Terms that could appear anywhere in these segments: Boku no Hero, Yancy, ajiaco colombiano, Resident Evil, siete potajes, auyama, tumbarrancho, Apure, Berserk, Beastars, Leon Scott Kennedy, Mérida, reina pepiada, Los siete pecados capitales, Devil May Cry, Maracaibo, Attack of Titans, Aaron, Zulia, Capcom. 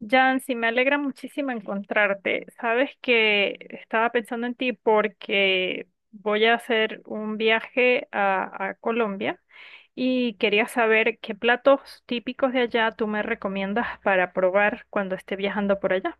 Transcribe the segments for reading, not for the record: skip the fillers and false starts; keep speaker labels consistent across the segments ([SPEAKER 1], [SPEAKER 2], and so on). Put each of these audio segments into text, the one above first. [SPEAKER 1] Yancy, me alegra muchísimo encontrarte. Sabes que estaba pensando en ti porque voy a hacer un viaje a Colombia y quería saber qué platos típicos de allá tú me recomiendas para probar cuando esté viajando por allá.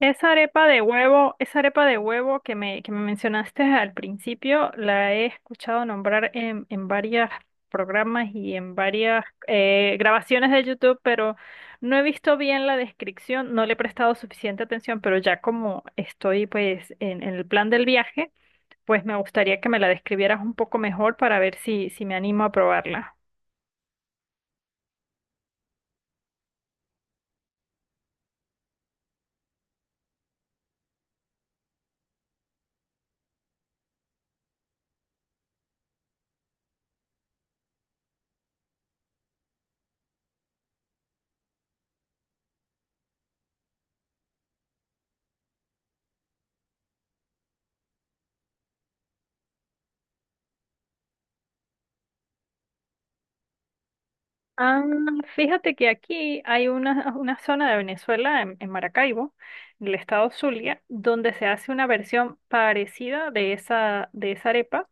[SPEAKER 1] Esa arepa de huevo, esa arepa de huevo que me mencionaste al principio, la he escuchado nombrar en varios programas y en varias grabaciones de YouTube, pero no he visto bien la descripción, no le he prestado suficiente atención, pero ya como estoy pues en el plan del viaje, pues me gustaría que me la describieras un poco mejor para ver si me animo a probarla. Ah, fíjate que aquí hay una zona de Venezuela, en Maracaibo, en el estado Zulia, donde se hace una versión parecida de esa arepa.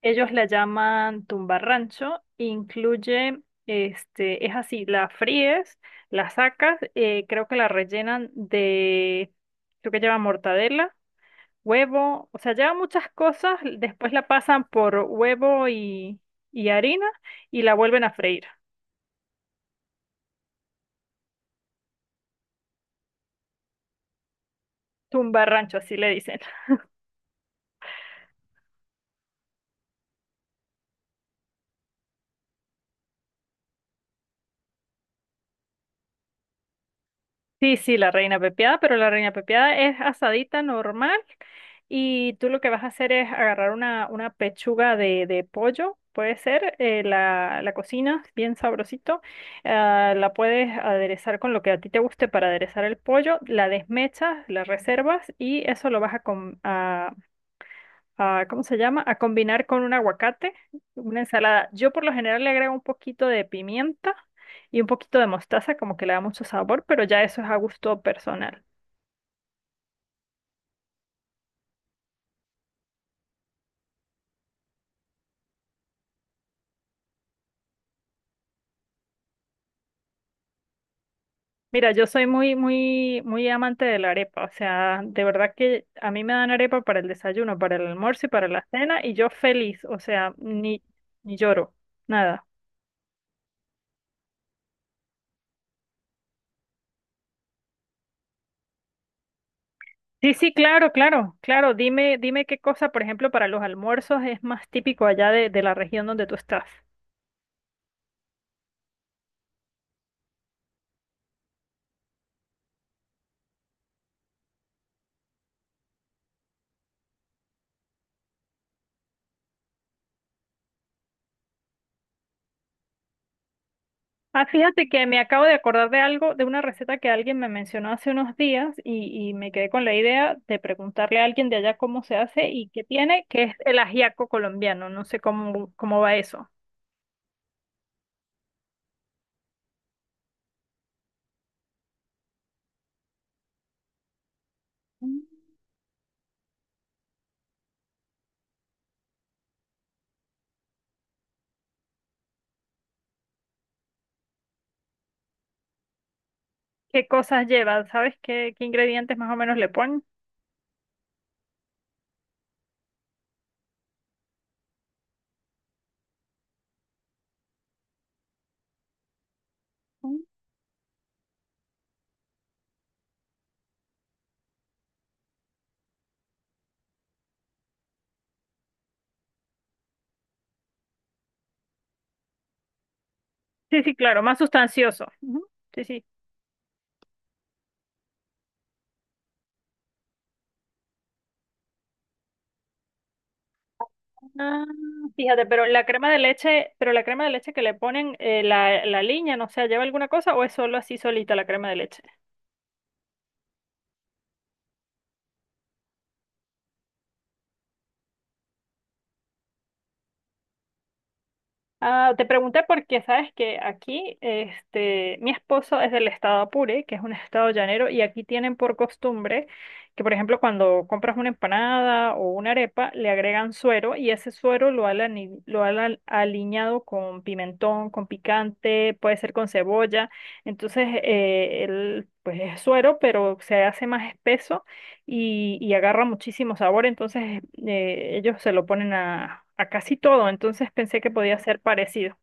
[SPEAKER 1] Ellos la llaman tumbarrancho, incluye, este, es así, la fríes, la sacas, creo que la rellenan de, creo que lleva mortadela, huevo, o sea, lleva muchas cosas, después la pasan por huevo y harina y la vuelven a freír. Tumba rancho, así le dicen. Sí, sí, la reina pepiada, pero la reina pepiada es asadita normal y tú lo que vas a hacer es agarrar una pechuga de pollo, puede ser, la cocinas bien sabrosito, ah, la puedes aderezar con lo que a ti te guste para aderezar el pollo, la desmechas, la reservas y eso lo vas a, a, ¿cómo se llama? A combinar con un aguacate, una ensalada. Yo por lo general le agrego un poquito de pimienta y un poquito de mostaza, como que le da mucho sabor, pero ya eso es a gusto personal. Mira, yo soy muy, muy, muy amante de la arepa, o sea, de verdad que a mí me dan arepa para el desayuno, para el almuerzo y para la cena, y yo feliz, o sea, ni, ni lloro, nada. Sí, sí, claro, claro, claro. Dime, dime qué cosa, por ejemplo, para los almuerzos es más típico allá de la región donde tú estás. Ah, fíjate que me acabo de acordar de algo, de una receta que alguien me mencionó hace unos días y me quedé con la idea de preguntarle a alguien de allá cómo se hace y qué tiene, que es el ajiaco colombiano. No sé cómo, cómo va eso. Mm. ¿Qué cosas lleva? ¿Sabes qué, qué ingredientes más o menos le ponen? Mm. Sí, sí, claro, más sustancioso. Ujú, sí, sí. Ah, fíjate, pero la crema de leche, pero la crema de leche que le ponen, la liña, no sé, ¿lleva alguna cosa o es solo así solita la crema de leche? Ah, te pregunté porque sabes que aquí, este, mi esposo es del estado Apure, que es un estado llanero, y aquí tienen por costumbre que, por ejemplo, cuando compras una empanada o una arepa, le agregan suero y ese suero lo han, lo han aliñado con pimentón, con picante, puede ser con cebolla. Entonces, el, pues es suero, pero se hace más espeso y agarra muchísimo sabor, entonces ellos se lo ponen a casi todo, entonces pensé que podía ser parecido.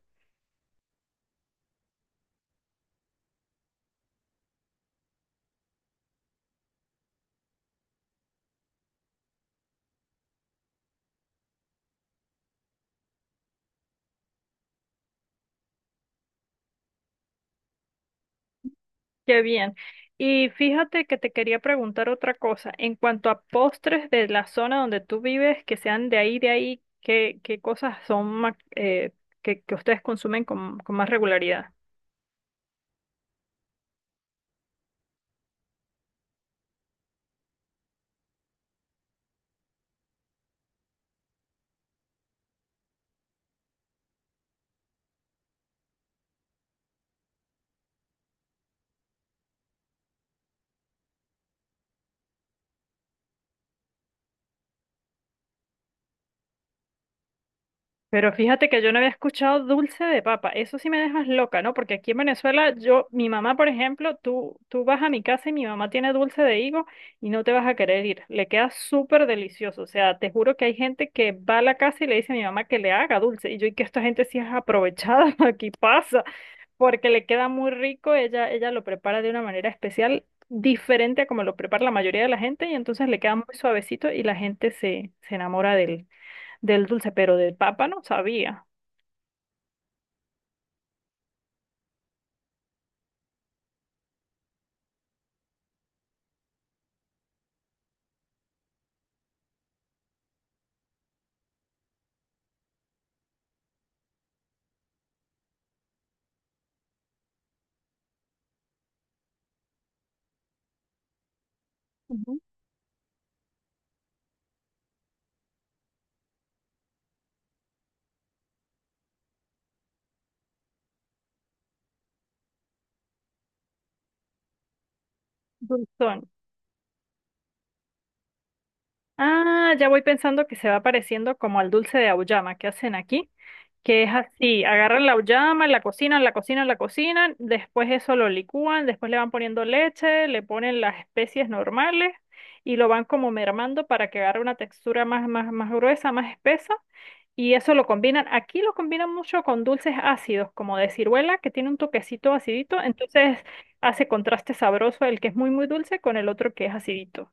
[SPEAKER 1] Qué bien. Y fíjate que te quería preguntar otra cosa, en cuanto a postres de la zona donde tú vives, que sean de ahí, ¿qué, qué cosas son que ustedes consumen con más regularidad? Pero fíjate que yo no había escuchado dulce de papa. Eso sí me dejas loca, ¿no? Porque aquí en Venezuela, yo, mi mamá, por ejemplo, tú vas a mi casa y mi mamá tiene dulce de higo y no te vas a querer ir. Le queda súper delicioso. O sea, te juro que hay gente que va a la casa y le dice a mi mamá que le haga dulce. Y yo, y que esta gente sí es aprovechada, aquí pasa, porque le queda muy rico. Ella lo prepara de una manera especial, diferente a como lo prepara la mayoría de la gente, y entonces le queda muy suavecito y la gente se, se enamora de él. Del dulce, pero de papa no sabía. Ujú. Dulzón. Ah, ya voy pensando que se va pareciendo como al dulce de auyama que hacen aquí, que es así, agarran la auyama, la cocinan, la cocinan, la cocinan, después eso lo licúan, después le van poniendo leche, le ponen las especies normales y lo van como mermando para que agarre una textura más, más, más gruesa, más espesa. Y eso lo combinan, aquí lo combinan mucho con dulces ácidos, como de ciruela, que tiene un toquecito acidito, entonces hace contraste sabroso el que es muy, muy dulce con el otro que es acidito.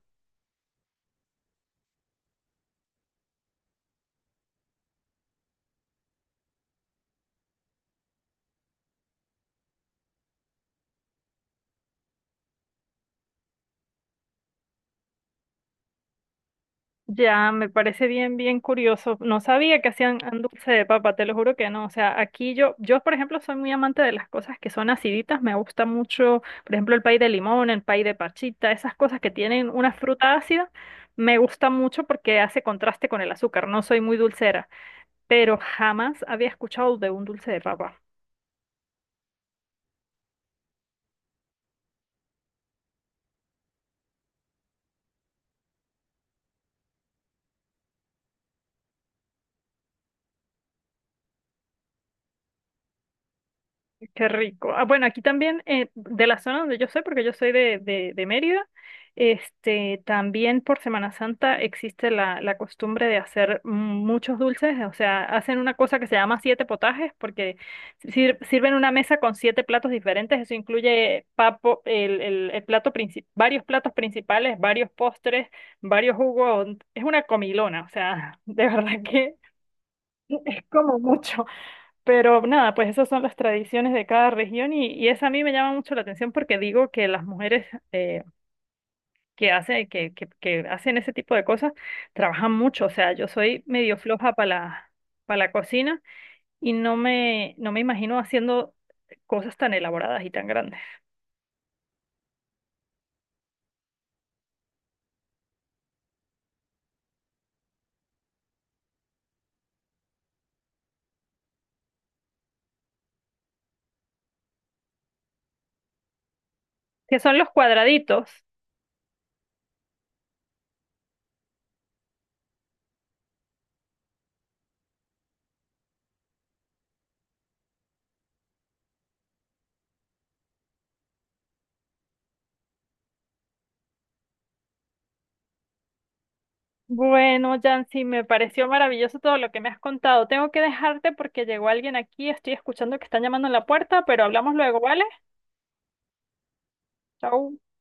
[SPEAKER 1] Ya, me parece bien, bien curioso. No sabía que hacían dulce de papa, te lo juro que no. O sea, aquí yo, yo por ejemplo, soy muy amante de las cosas que son aciditas. Me gusta mucho, por ejemplo, el pay de limón, el pay de parchita, esas cosas que tienen una fruta ácida, me gusta mucho porque hace contraste con el azúcar. No soy muy dulcera, pero jamás había escuchado de un dulce de papa. Qué rico. Ah, bueno, aquí también, de la zona donde yo soy, porque yo soy de Mérida, este, también por Semana Santa existe la, la costumbre de hacer muchos dulces, o sea, hacen una cosa que se llama siete potajes, porque sirven una mesa con siete platos diferentes, eso incluye papo, el plato principal, varios platos principales, varios postres, varios jugos, es una comilona, o sea, de verdad que es como mucho. Pero nada, pues esas son las tradiciones de cada región y esa a mí me llama mucho la atención porque digo que las mujeres que hacen ese tipo de cosas trabajan mucho. O sea, yo soy medio floja para para la cocina y no me, no me imagino haciendo cosas tan elaboradas y tan grandes. ¿Qué son los cuadraditos? Bueno, Jancy, me pareció maravilloso todo lo que me has contado. Tengo que dejarte porque llegó alguien aquí, estoy escuchando que están llamando en la puerta, pero hablamos luego, ¿vale? Chau.